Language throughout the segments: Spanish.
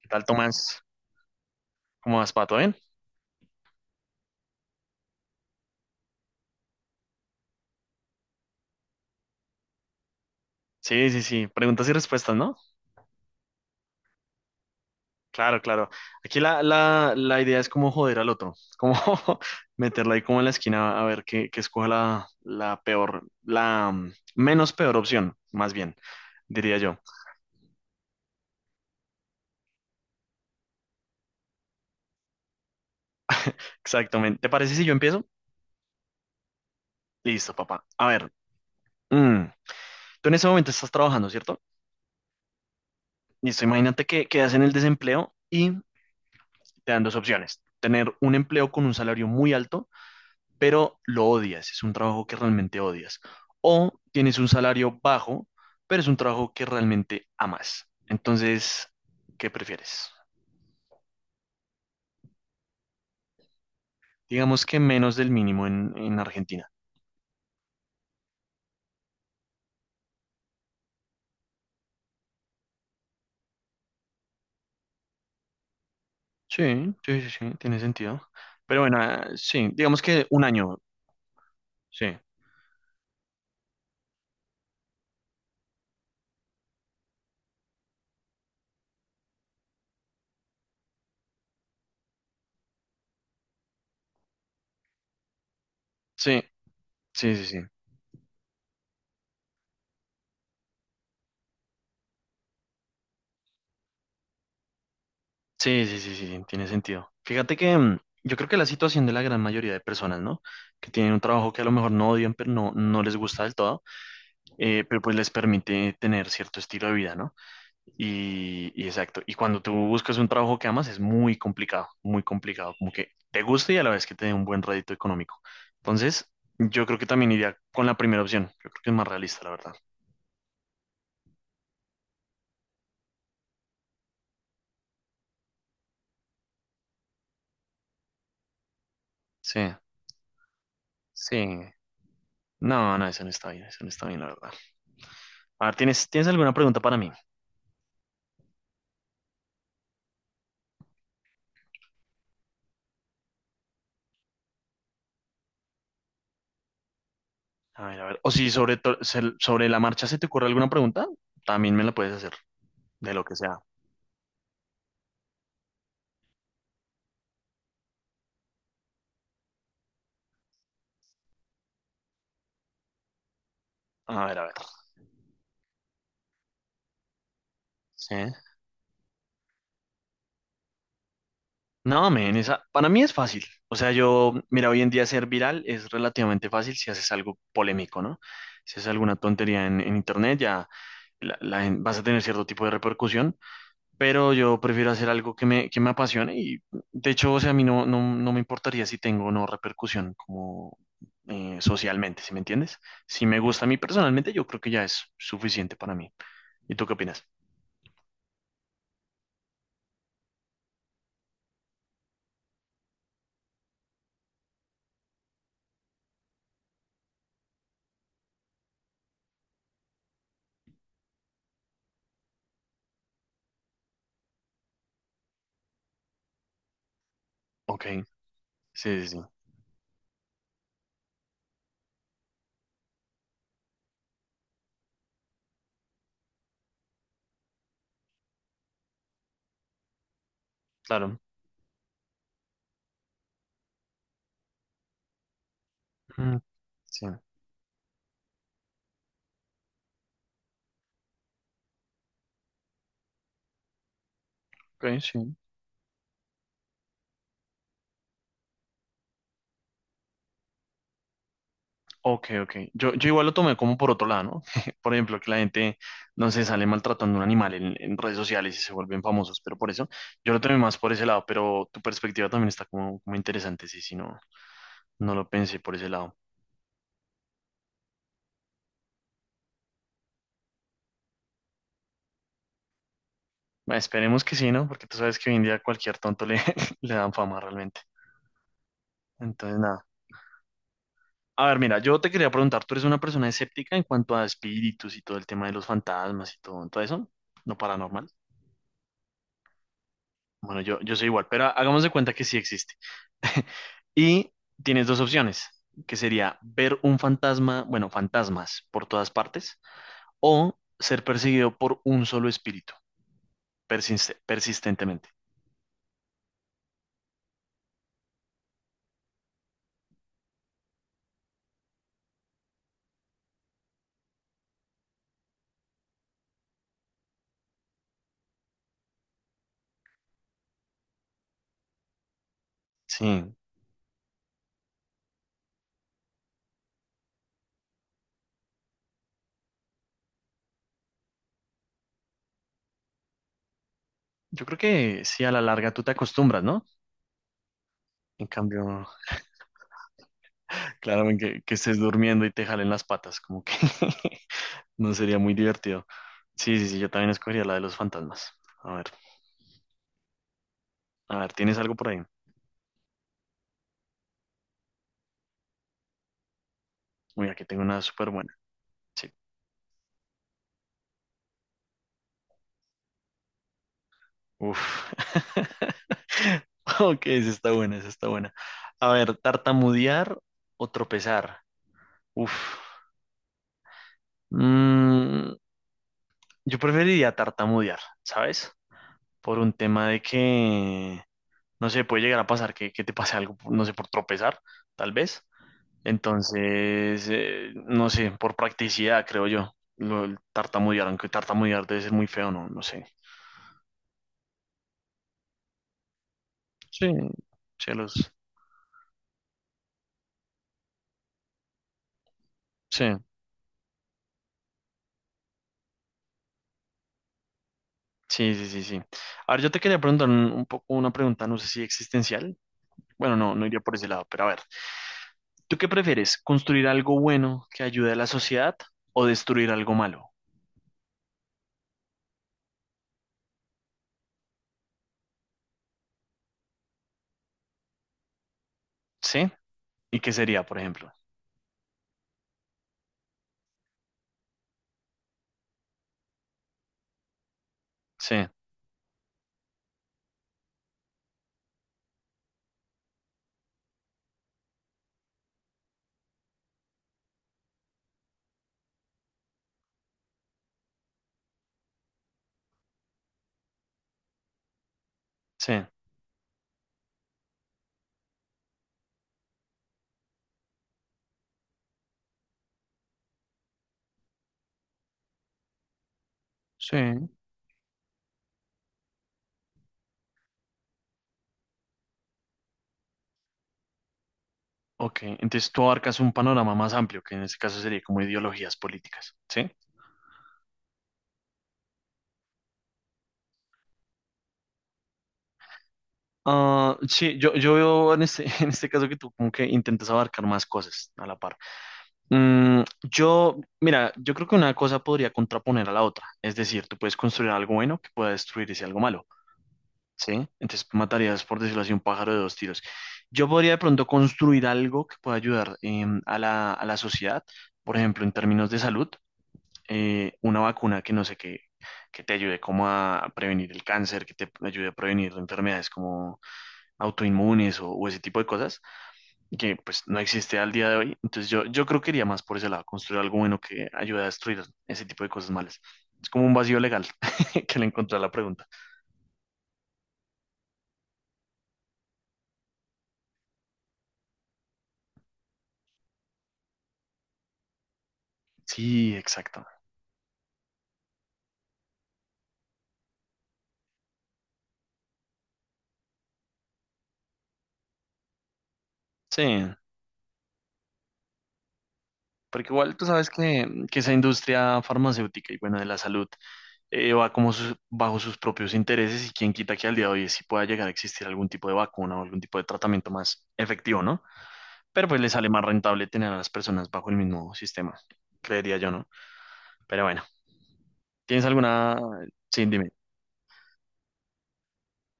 ¿Qué tal, Tomás? ¿Cómo vas, Pato? ¿Bien? Sí, sí, sí. Preguntas y respuestas, ¿no? Claro, claro. Aquí la idea es como joder al otro, como meterla ahí como en la esquina a ver qué escoja la peor, la menos peor opción, más bien, diría yo. Exactamente. ¿Te parece si yo empiezo? Listo, papá. A ver, mm, tú en ese momento estás trabajando, ¿cierto? Listo, imagínate que quedas en el desempleo y te dan dos opciones. Tener un empleo con un salario muy alto pero lo odias, es un trabajo que realmente odias. O tienes un salario bajo, pero es un trabajo que realmente amas. Entonces, ¿qué prefieres? Digamos que menos del mínimo en Argentina. Sí, sí, sí, sí, tiene sentido. Pero bueno, sí, digamos que un año. Sí, sí, sí, sí, sí. Sí, sí, sí, sí, sí, tiene sentido. Fíjate que yo creo que la situación de la gran mayoría de personas, ¿no? Que tienen un trabajo que a lo mejor no odian, pero no, no les gusta del todo, pero pues les permite tener cierto estilo de vida, ¿no? Y exacto, y cuando tú buscas un trabajo que amas es muy complicado, como que te guste y a la vez que te dé un buen rédito económico. Entonces, yo creo que también iría con la primera opción, yo creo que es más realista, la verdad. Sí, sí. No, no, eso no está bien, eso no está bien, la verdad. A ver, ¿tienes, ¿tienes alguna pregunta para mí? A ver, a ver. O si sobre la marcha se te ocurre alguna pregunta, también me la puedes hacer, de lo que sea. A ver, a ver. Sí. No, men, esa, para mí es fácil. O sea, yo, mira, hoy en día ser viral es relativamente fácil si haces algo polémico, ¿no? Si haces alguna tontería en internet, ya vas a tener cierto tipo de repercusión, pero yo prefiero hacer algo que que me apasione y, de hecho, o sea, a mí no me importaría si tengo o no repercusión como socialmente, ¿sí me entiendes? Si me gusta a mí personalmente, yo creo que ya es suficiente para mí. ¿Y tú qué opinas? Ok, sí, sí, sí, claro. Mm, sí, ok, sí. Ok, ok. Yo igual lo tomé como por otro lado, ¿no? Por ejemplo, que la gente, no sé, sale maltratando a un animal en redes sociales y se vuelven famosos, pero por eso yo lo tomé más por ese lado, pero tu perspectiva también está como, como interesante, sí, sí, no, no lo pensé por ese lado. Bueno, esperemos que sí, ¿no? Porque tú sabes que hoy en día cualquier tonto le dan fama realmente. Entonces, nada. A ver, mira, yo te quería preguntar, ¿tú eres una persona escéptica en cuanto a espíritus y todo el tema de los fantasmas y todo, todo eso? ¿No paranormal? Bueno, yo soy igual, pero hagamos de cuenta que sí existe. Y tienes dos opciones, que sería ver un fantasma, bueno, fantasmas por todas partes, o ser perseguido por un solo espíritu, persistentemente. Sí, yo creo que sí, a la larga tú te acostumbras, ¿no? En cambio, claro, en que estés durmiendo y te jalen las patas, como que no sería muy divertido. Sí, sí, sí, yo también escogería la de los fantasmas. A ver, a ver, ¿tienes algo por ahí? Uy, aquí tengo una súper buena. Sí. Uf. Ok, esa está buena, esa está buena. A ver, tartamudear o tropezar. Uf. Mm, yo preferiría tartamudear, ¿sabes? Por un tema de que, no sé, puede llegar a pasar que te pase algo, no sé, por tropezar, tal vez. Entonces, no sé, por practicidad, creo yo. El tartamudear, aunque tartamudear debe ser muy feo, no, no sé. Sí, cielos. Sí, sí, sí, sí, sí. A ver, yo te quería preguntar un poco una pregunta, no sé si existencial. Bueno, no, no iría por ese lado, pero a ver, ¿tú qué prefieres? ¿Construir algo bueno que ayude a la sociedad o destruir algo malo? ¿Sí? ¿Y qué sería, por ejemplo? Sí, sí, sí. Ok, entonces tú abarcas un panorama más amplio, que en este caso sería como ideologías políticas, ¿sí? Ah, sí, yo veo en este, en este caso que tú como que intentas abarcar más cosas a la par. Mm, yo, mira, yo creo que una cosa podría contraponer a la otra, es decir, tú puedes construir algo bueno que pueda destruir ese algo malo. ¿Sí? Entonces matarías, por decirlo así, un pájaro de dos tiros. Yo podría de pronto construir algo que pueda ayudar em, a a la sociedad, por ejemplo, en términos de salud, una vacuna que no sé qué, que te ayude como a prevenir el cáncer, que te ayude a prevenir enfermedades como autoinmunes o ese tipo de cosas, que pues no existe al día de hoy. Entonces yo creo que iría más por ese lado, construir algo bueno que ayude a destruir ese tipo de cosas malas. Es como un vacío legal que le encontré a la pregunta. Sí, exacto. Sí. Porque igual tú sabes que esa industria farmacéutica y bueno, de la salud, va como bajo sus propios intereses y quién quita que al día de hoy sí pueda llegar a existir algún tipo de vacuna o algún tipo de tratamiento más efectivo, ¿no? Pero pues le sale más rentable tener a las personas bajo el mismo sistema, creería yo, ¿no? Pero bueno, ¿tienes alguna? Sí, dime.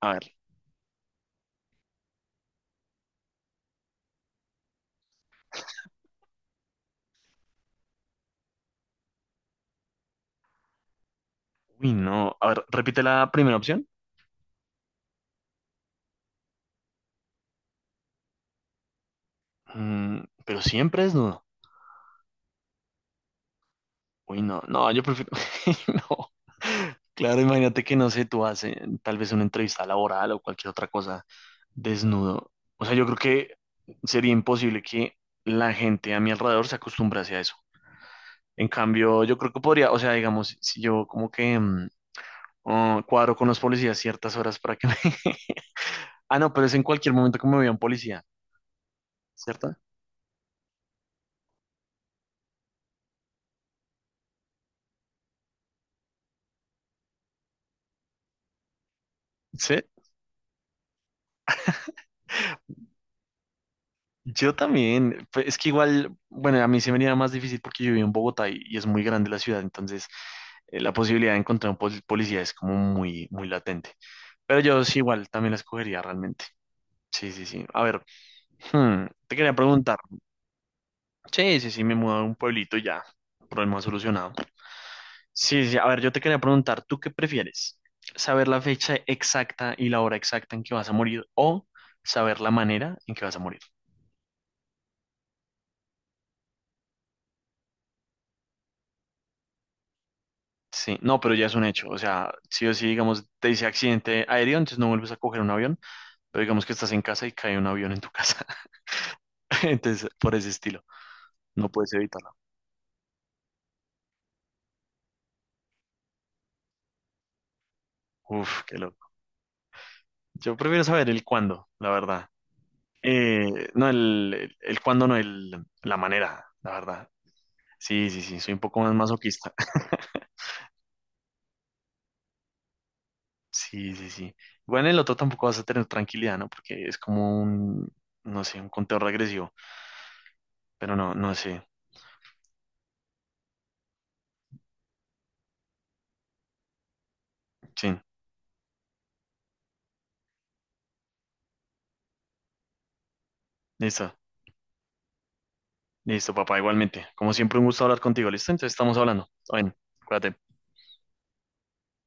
A ver, uy, no. A ver, repite la primera opción. Mm, pero siempre es dudo. Uy, no, no, yo prefiero, no. Claro, imagínate que no sé, tú haces tal vez una entrevista laboral o cualquier otra cosa desnudo. O sea, yo creo que sería imposible que la gente a mi alrededor se acostumbrase a eso. En cambio, yo creo que podría, o sea, digamos, si yo como que oh, cuadro con los policías ciertas horas para que me... Ah, no, pero es en cualquier momento que me vea un policía, ¿cierto? Sí. Yo también, pe- es que igual, bueno, a mí se me haría más difícil porque yo vivo en Bogotá y es muy grande la ciudad, entonces la posibilidad de encontrar un policía es como muy, muy latente. Pero yo sí igual también la escogería realmente. Sí, sí, sí. A ver, hmm, te quería preguntar. Sí, sí, sí, me mudo a un pueblito y ya, problema solucionado. Sí, sí, a ver, yo te quería preguntar, ¿tú qué prefieres? ¿Saber la fecha exacta y la hora exacta en que vas a morir o saber la manera en que vas a morir? Sí, no, pero ya es un hecho. O sea, sí o sí, digamos, te dice accidente aéreo, entonces no vuelves a coger un avión, pero digamos que estás en casa y cae un avión en tu casa. Entonces, por ese estilo, no puedes evitarlo. Uf, qué loco. Yo prefiero saber el cuándo, la verdad. No, el cuándo, no, la manera, la verdad. Sí, sí, sí, soy un poco más masoquista. Sí, sí, sí. Bueno, el otro tampoco vas a tener tranquilidad, ¿no? Porque es como un, no sé, un conteo regresivo, pero no, no sé. Sí, listo. Listo, papá, igualmente. Como siempre, un gusto hablar contigo. ¿Listo? Entonces estamos hablando. Bueno, cuídate.